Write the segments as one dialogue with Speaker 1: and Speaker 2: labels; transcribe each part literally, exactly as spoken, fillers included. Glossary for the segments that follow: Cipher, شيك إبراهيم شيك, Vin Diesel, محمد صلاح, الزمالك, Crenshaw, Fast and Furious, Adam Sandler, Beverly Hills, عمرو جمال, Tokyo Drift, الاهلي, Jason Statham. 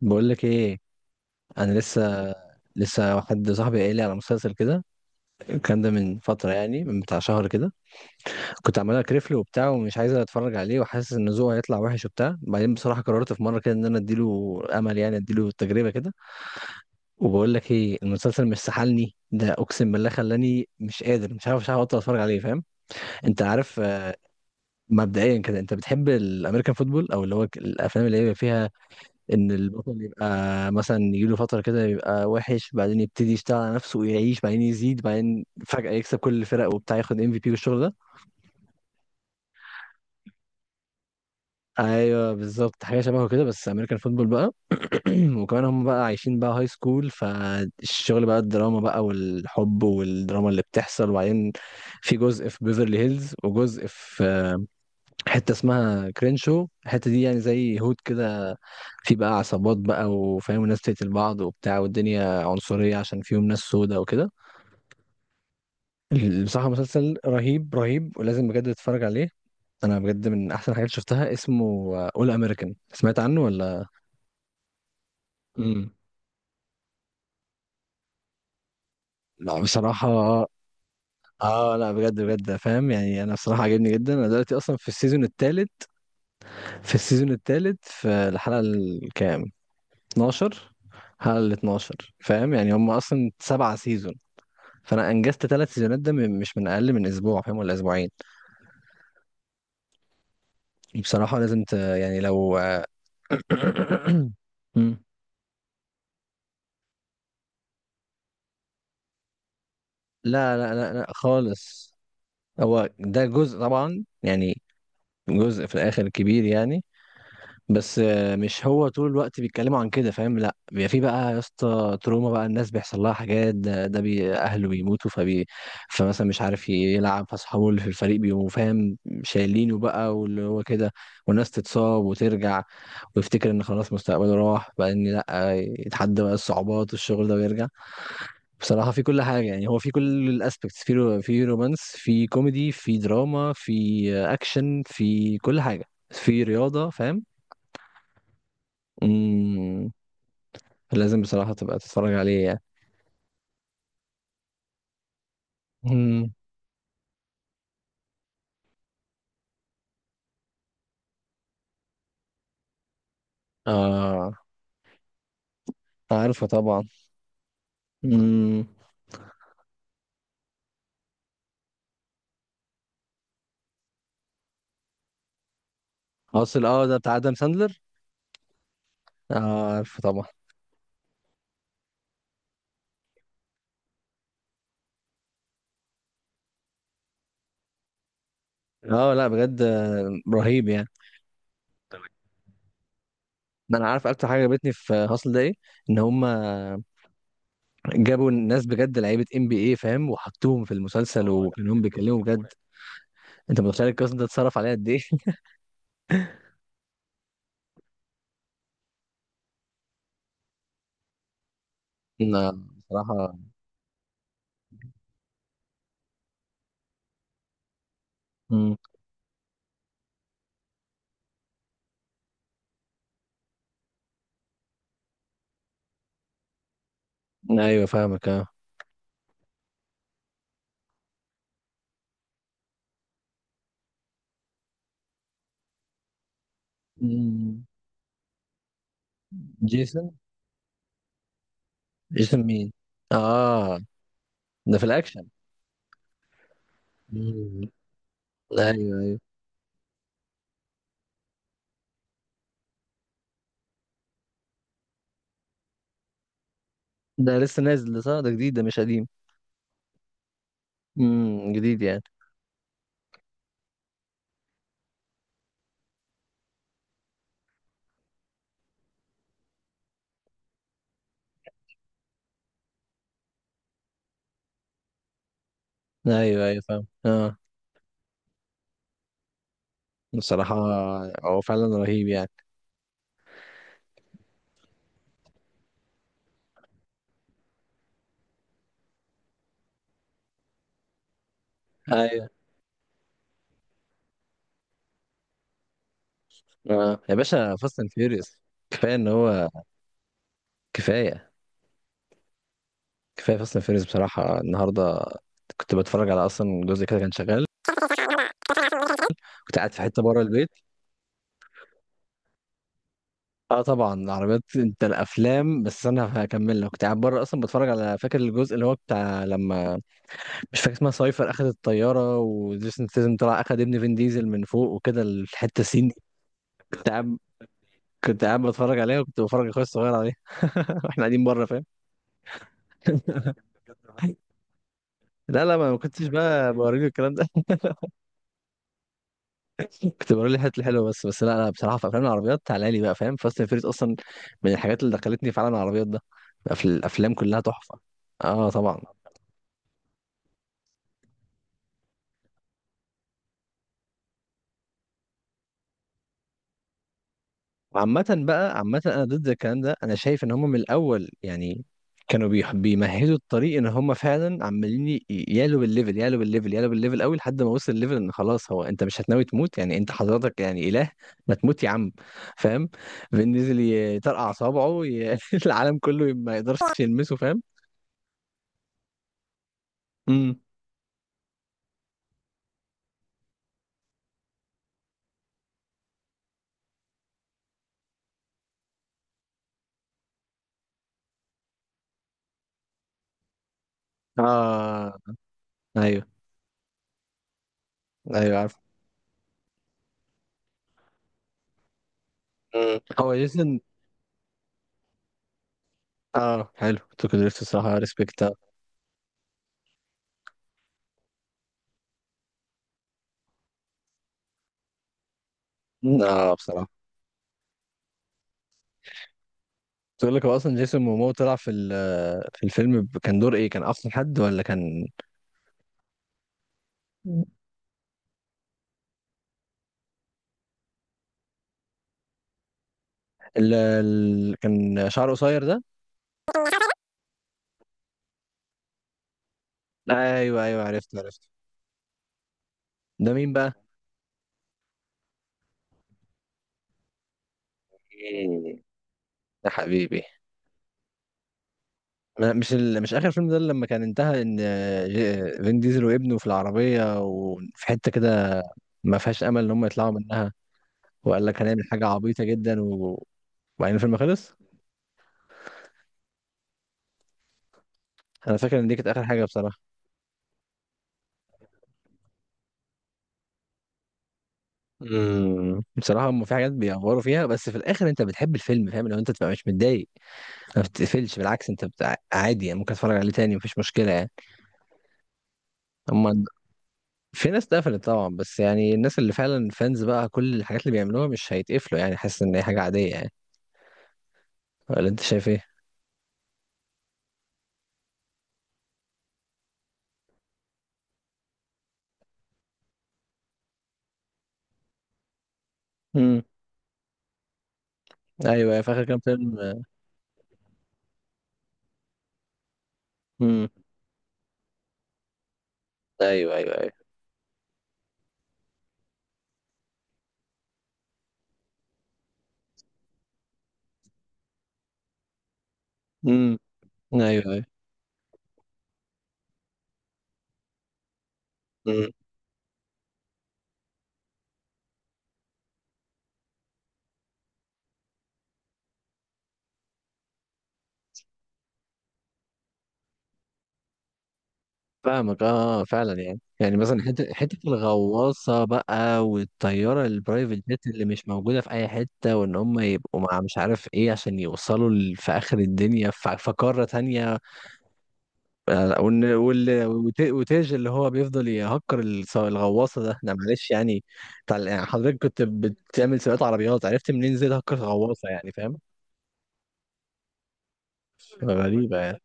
Speaker 1: بقول لك ايه. انا لسه لسه واحد صاحبي قايل لي على مسلسل كده. الكلام ده من فتره، يعني من بتاع شهر كده. كنت عمال اكرفله وبتاع، ومش عايز اتفرج عليه، وحاسس ان ذوقه هيطلع وحش وبتاع. بعدين بصراحه قررت في مره كده ان انا اديله امل، يعني اديله تجربه كده. وبقول لك ايه، المسلسل مش سحلني. ده اقسم بالله خلاني مش قادر، مش عارف مش عارف ابطل اتفرج عليه، فاهم؟ انت عارف آه، مبدئيا كده انت بتحب الامريكان فوتبول، او اللي هو الافلام اللي هي فيها ان البطل يبقى مثلا يجيله فتره كده يبقى وحش، بعدين يبتدي يشتغل على نفسه ويعيش، بعدين يزيد، بعدين فجاه يكسب كل الفرق وبتاع، ياخد ام في بي والشغل ده. ايوه بالظبط، حاجه شبهه كده، بس امريكان فوتبول بقى. وكمان هم بقى عايشين بقى هاي سكول، فالشغل بقى الدراما بقى والحب والدراما اللي بتحصل. وبعدين في جزء في بيفرلي هيلز، وجزء في حتة اسمها كرينشو، الحتة دي يعني زي هود كده، في بقى عصابات بقى وفاهم ناس تقتل بعض وبتاع، والدنيا عنصرية عشان فيهم ناس سودة وكده. ال- بصراحة مسلسل رهيب رهيب، ولازم بجد تتفرج عليه. أنا بجد من أحسن الحاجات اللي شفتها. اسمه أول أمريكان، سمعت عنه ولا؟ امم. لا بصراحة. اه لا بجد بجد، فاهم يعني، انا بصراحة عجبني جدا. انا دلوقتي اصلا في السيزون الثالث في السيزون الثالث في الحلقة الكام، اتناشر. حلقة ال اتناشر، فاهم يعني. هم اصلا سبعة سيزون، فانا انجزت ثلاث سيزونات ده من- مش من اقل من اسبوع، فاهم، ولا اسبوعين. بصراحة لازم ت... يعني لو… مم. لا لا لا لا خالص. هو ده جزء طبعا يعني، جزء في الاخر كبير يعني. بس آه، مش هو طول الوقت بيتكلموا عن كده، فاهم. لا، بيبقى في بقى يا اسطى تروما بقى، الناس بيحصل لها حاجات، ده, ده بي اهله بيموتوا فبي، فمثلا مش عارف يلعب، فاصحابه اللي في الفريق بيبقوا فاهم شايلينه بقى، واللي هو كده، والناس تتصاب وترجع، ويفتكر ان خلاص مستقبله راح بقى، ان لا يتحدى بقى الصعوبات والشغل ده ويرجع. بصراحة في كل حاجة يعني. هو في كل الاسبكتس، في رو في رومانس، في كوميدي، في دراما، في اكشن، في كل حاجة، في رياضة، فاهم. مم. لازم بصراحة تبقى تتفرج عليه يعني. مم. آه عارفه طبعا. مم. أصل اه ده بتاع آدم ساندلر. آه عارفه طبعا. اه لا بجد آه، رهيب يعني. ما انا عارف اكتر حاجه عجبتني في هاسل ده ايه. ان هم جابوا ناس بجد لعيبه ام بي اي، فاهم، وحطوهم في المسلسل. اه لا، وكانوا بيتكلموا بجد. انت متخيل القسم ده اتصرف عليه قد ايه؟ لا بصراحه. مم. ايوه فاهمك اه. مم. جيسون. جيسون مين؟ اه ده في الاكشن. مم. ايوه ايوه. ده لسه نازل ده، صح؟ ده جديد، ده مش قديم. امم جديد يعني. ايوه ايوه فاهم اه. بصراحة هو فعلا رهيب يعني. ايوه. اه يا باشا، فاست اند فيوريوس. كفاية ان هو، كفاية. كفاية فاست اند فيوريوس بصراحة. النهاردة كنت بتفرج على اصلا جزء كده كان شغال. كنت قاعد في حتة بره البيت. اه طبعا العربيات، انت الافلام، بس انا هكمل لك. كنت قاعد بره اصلا بتفرج على، فاكر الجزء اللي هو بتاع لما، مش فاكر اسمها سايفر، اخد الطياره وجيسون ستاثام طلع اخد ابن فين ديزل من فوق وكده، الحته السين دي. كنت قاعد كنت قاعد بتفرج عليها، وكنت بفرج اخويا الصغير عليها واحنا قاعدين بره، فاهم. لا لا، ما ما كنتش بقى بوريله الكلام ده. كنت بوريله الحاجات الحلوه بس بس. لا لا بصراحه، في افلام العربيات تعالى لي بقى فاهم. فاست اند فيريس اصلا من الحاجات اللي دخلتني في عالم العربيات ده. في الافلام كلها تحفه. اه طبعا. وعامة بقى عامة أنا ضد الكلام ده. أنا شايف إن هم من الأول يعني كانوا بيح- بيمهدوا الطريق، إن هم فعلا عمالين ي- يعلوا بالليفل، يعلوا بالليفل، يعلوا بالليفل أوي، لحد ما وصل الليفل إن خلاص هو. أنت مش هتناوي تموت يعني؟ أنت حضرتك يعني إله؟ ما تموت يا عم، فاهم. فنزل يطرقع صوابعه ي... العالم كله ما يقدرش يلمسه، فاهم. امم. آه. أيوه أيوه عارف. مم. هو جيسون. آه حلو توكو دريفت الصراحة، ريسبكت. آه بصراحة. تقول لك هو اصلا جيسون مومو طلع في ال- في الفيلم ب- كان دور ايه؟ كان اصلا حد ولا كان… ال... ال... كان شعره قصير ده. ايوه ايوه عرفت عرفت. ده مين بقى؟ إيه. يا حبيبي. ما- مش ال... مش اخر فيلم ده لما كان انتهى ان ج- فين ديزل وابنه في العربيه وفي حته كده، ما فيهاش امل ان هم يطلعوا منها؟ وقال لك هنعمل حاجه عبيطه جدا و… وبعدين الفيلم خلص. انا فاكر ان دي كانت اخر حاجه بصراحه. امم. بصراحة هم في حاجات بيأفوروا فيها، بس في الآخر أنت بتحب الفيلم، فاهم، لو أنت تبقى مش متضايق. ما بتقفلش، بالعكس، أنت بتاع عادي يعني، ممكن تتفرج عليه تاني مفيش مشكلة يعني. هم. في ناس اتقفلت طبعا، بس يعني الناس اللي فعلا فانز بقى، كل الحاجات اللي بيعملوها مش هيتقفلوا يعني، حاسس إن هي حاجة عادية يعني. ولا أنت شايف إيه؟ امم. أيوه، في آخر كام فيلم. امم. أيوه أيوه أيوه. امم. أيوه أيوه فاهمك اه. آه، فعلا يعني يعني مثلا، حته حته الغواصه بقى، والطياره البرايفت جيت اللي مش موجوده في اي حته، وان هم يبقوا مع مش عارف ايه عشان يوصلوا ل- في اخر الدنيا، في في قاره تانية. آه، وإن- وال- وت- وتاج اللي هو بيفضل يهكر الص- الغواصه، ده ده معلش يعني. بتاع- يعني حضرتك كنت بتعمل سباقات عربيات، عرفت منين زي تهكر غواصه يعني، فاهم. غريبه يعني.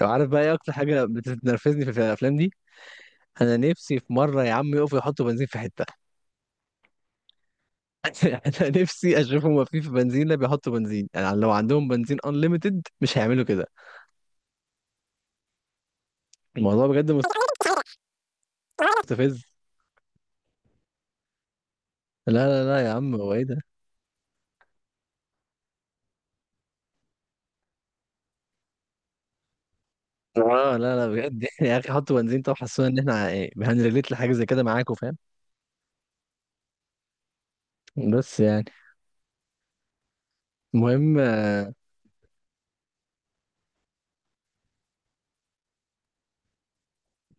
Speaker 1: لو عارف بقى ايه اكتر حاجه بتنرفزني في الافلام دي. انا نفسي في مره يا عم يقفوا يحطوا بنزين في حته. انا نفسي اشوفهم واقفين في بنزينه بيحطوا بنزين، يعني لو عندهم بنزين انليمتد مش هيعملوا كده. الموضوع بجد مستفز. لا لا لا يا عم، هو ايه ده؟ اه لا لا بجد يا اخي حطوا بنزين. طب حسونا ان احنا إيه، هنريليت لحاجه زي كده معاكم، فاهم. بس يعني المهم آه،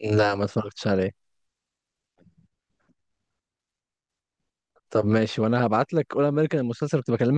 Speaker 1: لا ما اتفرجتش عليه. طب ماشي، وانا هبعت لك اول امريكان المسلسل كنت بكلمك.